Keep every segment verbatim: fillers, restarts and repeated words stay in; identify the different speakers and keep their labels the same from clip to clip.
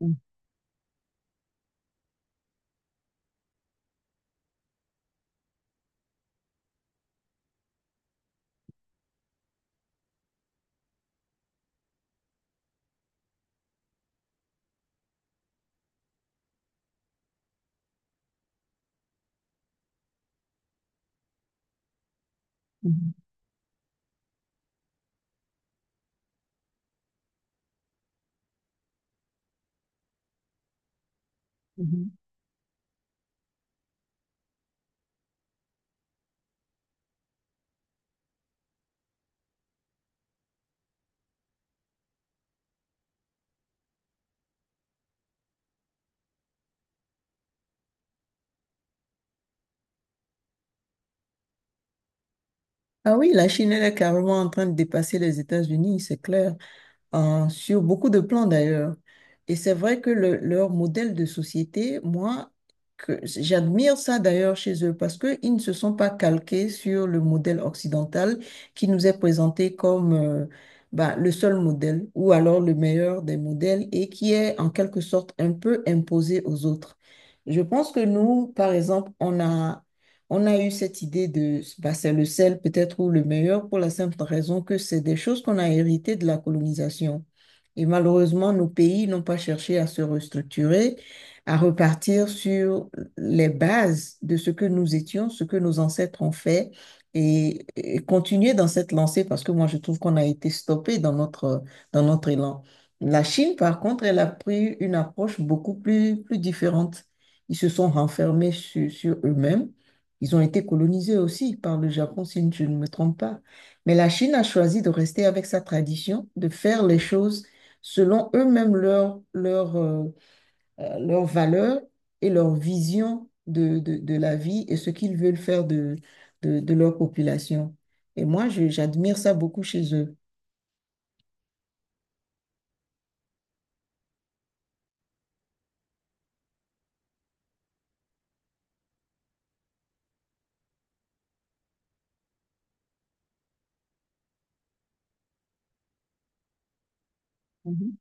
Speaker 1: Mhm, mhm, mhm. Ah oui, la Chine, elle est carrément en train de dépasser les États-Unis, c'est clair, euh, sur beaucoup de plans d'ailleurs. Et c'est vrai que le- leur modèle de société, moi, que j'admire ça d'ailleurs chez eux parce qu'ils ne se sont pas calqués sur le modèle occidental qui nous est présenté comme euh, bah, le seul modèle ou alors le meilleur des modèles et qui est en quelque sorte un peu imposé aux autres. Je pense que nous, par exemple, on a on a eu cette idée de, bah, c'est le sel peut-être ou le meilleur pour la simple raison que c'est des choses qu'on a héritées de la colonisation. Et malheureusement, nos pays n'ont pas cherché à se restructurer, à repartir sur les bases de ce que nous étions, ce que nos ancêtres ont fait et, et continuer dans cette lancée parce que moi, je trouve qu'on a été stoppé dans notre, dans notre élan. La Chine, par contre, elle a pris une approche beaucoup plus, plus différente. Ils se sont renfermés sur sur eux-mêmes, ils ont été colonisés aussi par le Japon, si je ne me trompe pas. Mais la Chine a choisi de rester avec sa tradition, de faire les choses selon eux-mêmes leur, leur, euh, euh, leurs valeurs et leur vision de, de, de la vie et ce qu'ils veulent faire de, de, de leur population. Et moi, je- j'admire ça beaucoup chez eux. Mhm,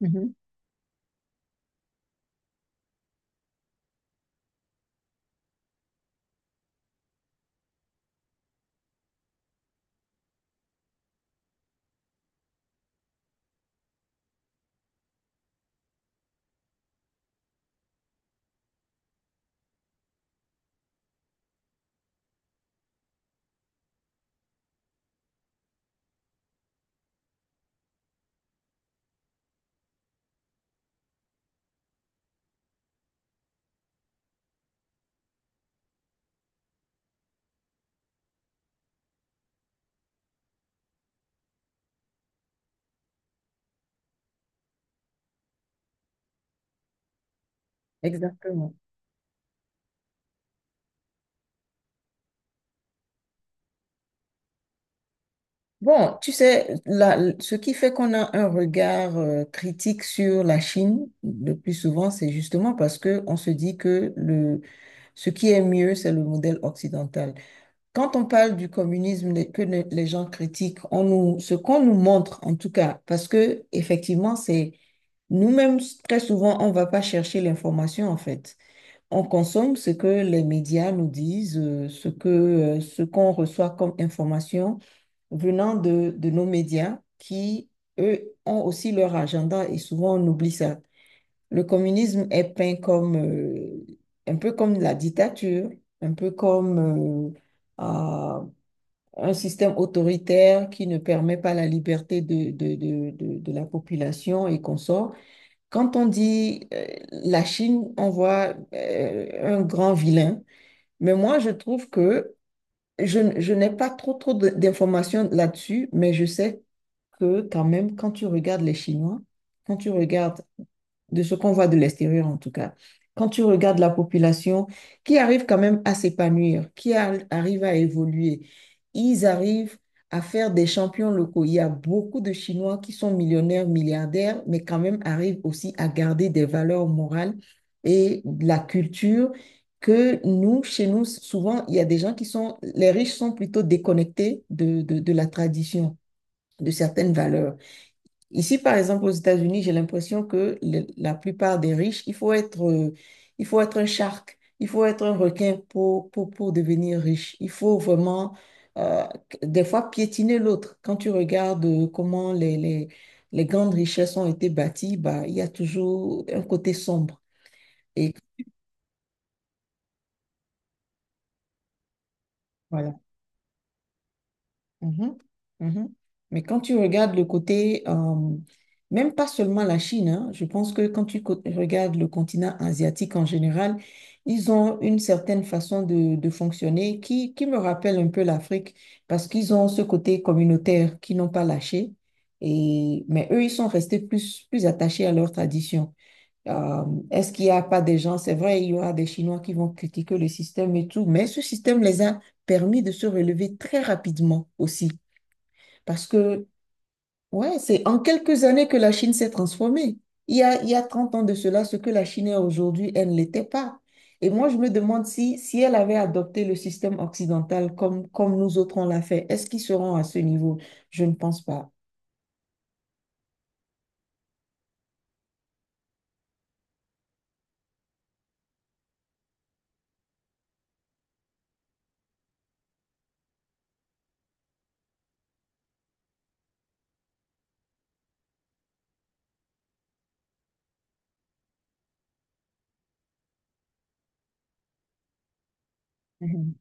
Speaker 1: mhm. Exactement. Bon, tu sais, la- ce qui fait qu'on a un regard euh, critique sur la Chine le plus souvent, c'est justement parce que on se dit que le, ce qui est mieux, c'est le modèle occidental. Quand on parle du communisme, les- que ne- les gens critiquent, on nous, ce qu'on nous montre, en tout cas, parce que effectivement, c'est nous-mêmes très souvent, on ne va pas chercher l'information en fait. On consomme ce que les médias nous disent, euh, ce que, euh, ce qu'on reçoit comme information venant de, de nos médias qui, eux, ont aussi leur agenda et souvent on oublie ça. Le communisme est peint comme euh, un peu comme la dictature, un peu comme euh, euh, un système autoritaire qui ne permet pas la liberté de, de, de, de, de la population et qu'on sort. Quand on dit euh, la Chine, on voit euh, un grand vilain. Mais moi, je trouve que je, n- je n'ai pas trop, trop de- d'informations là-dessus, mais je sais que quand même, quand tu regardes les Chinois, quand tu regardes de ce qu'on voit de l'extérieur en tout cas. Quand tu regardes la population qui arrive quand même à s'épanouir, qui ar- arrive à évoluer, ils arrivent à faire des champions locaux. Il y a beaucoup de Chinois qui sont millionnaires, milliardaires, mais quand même arrivent aussi à garder des valeurs morales et de la culture que nous, chez nous, souvent, il y a des gens qui sont, les riches sont plutôt déconnectés de, de de la tradition, de certaines valeurs. Ici, par exemple, aux États-Unis, j'ai l'impression que le- la plupart des riches, il faut être, euh, il faut être un shark, il faut être un requin pour, pour, pour devenir riche. Il faut vraiment, euh, des fois, piétiner l'autre. Quand tu regardes euh, comment les, les, les grandes richesses ont été bâties, bah, il y a toujours un côté sombre. Et voilà. Mhm, mhm. Mais quand tu regardes le côté, euh, même pas seulement la Chine, hein, je pense que quand tu co- regardes le continent asiatique en général, ils ont une certaine façon de, de fonctionner qui, qui me rappelle un peu l'Afrique parce qu'ils ont ce côté communautaire qu'ils n'ont pas lâché. Et, mais eux, ils sont restés plus, plus attachés à leur tradition. Euh, est-ce qu'il n'y a pas des gens, c'est vrai, il y aura des Chinois qui vont critiquer le système et tout, mais ce système les a permis de se relever très rapidement aussi. Parce que, ouais, c'est en quelques années que la Chine s'est transformée. Il y a, il y a trente ans de cela, ce que la Chine est aujourd'hui, elle ne l'était pas. Et moi, je me demande si, si elle avait adopté le système occidental comme, comme nous autres on l'a fait, est-ce qu'ils seront à ce niveau? Je ne pense pas. Mhm.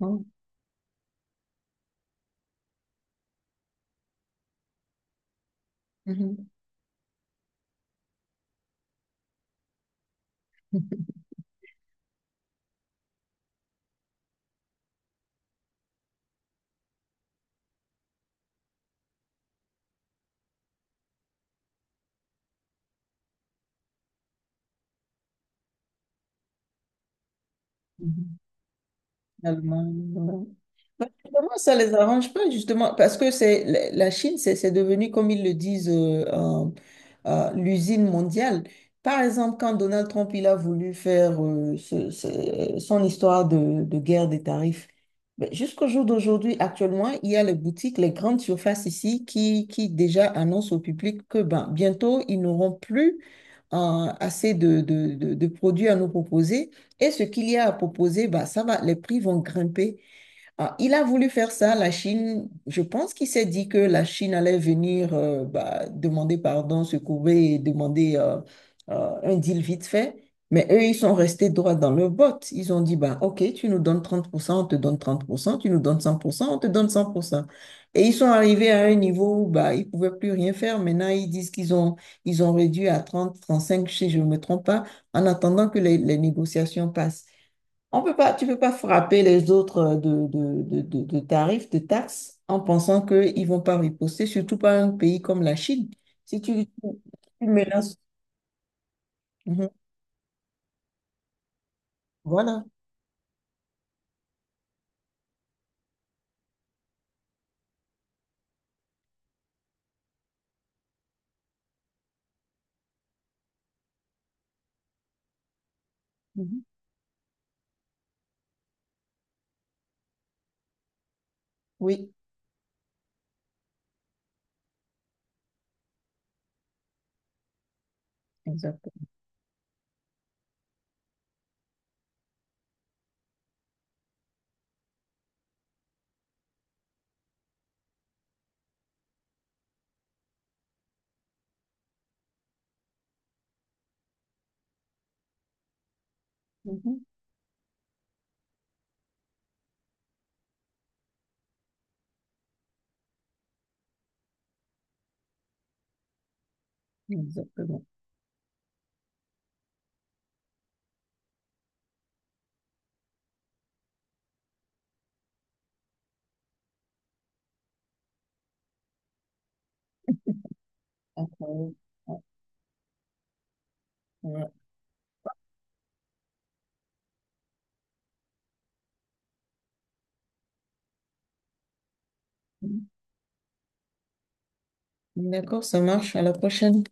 Speaker 1: Mhm. Mhm. Mhm. Mhm. Allemagne, ouais. Bah, comment ça les arrange pas, justement, parce que c'est la la Chine, c'est c'est devenu, comme ils le disent, euh, euh, euh, l'usine mondiale. Par exemple, quand Donald Trump il a voulu faire euh, ce- ce- son histoire de, de guerre des tarifs, ben, jusqu'au jour d'aujourd'hui, actuellement, il y a les boutiques, les grandes surfaces ici qui, qui déjà annoncent au public que ben, bientôt, ils n'auront plus euh, assez de, de de- de produits à nous proposer, et ce qu'il y a à proposer, bah, ça va, les prix vont grimper, ah, il a voulu faire ça, la Chine, je pense qu'il s'est dit que la Chine allait venir euh, bah, demander pardon, se courber et demander euh, euh, un deal vite fait. Mais eux, ils sont restés droits dans leur botte. Ils ont dit, bah, OK, tu nous donnes trente pour cent, on te donne trente pour cent, tu nous donnes cent pour cent, on te donne cent pour cent. Et ils sont arrivés à un niveau où bah, ils ne pouvaient plus rien faire. Maintenant, ils disent qu'ils ont, ils ont réduit à trente, trente-cinq, si je ne me trompe pas, en attendant que les les négociations passent. On peut pas, tu peux pas frapper les autres euh, de, de, de, de, de tarifs, de taxes, en pensant qu'ils vont pas riposter, surtout pas un pays comme la Chine. Si tu, tu tu menaces. Mhm. Voilà. Mhm. Oui, exactement. Mhm. Exactement. Incroyable. Ouais. Mhm. D'accord, ça marche. À la prochaine.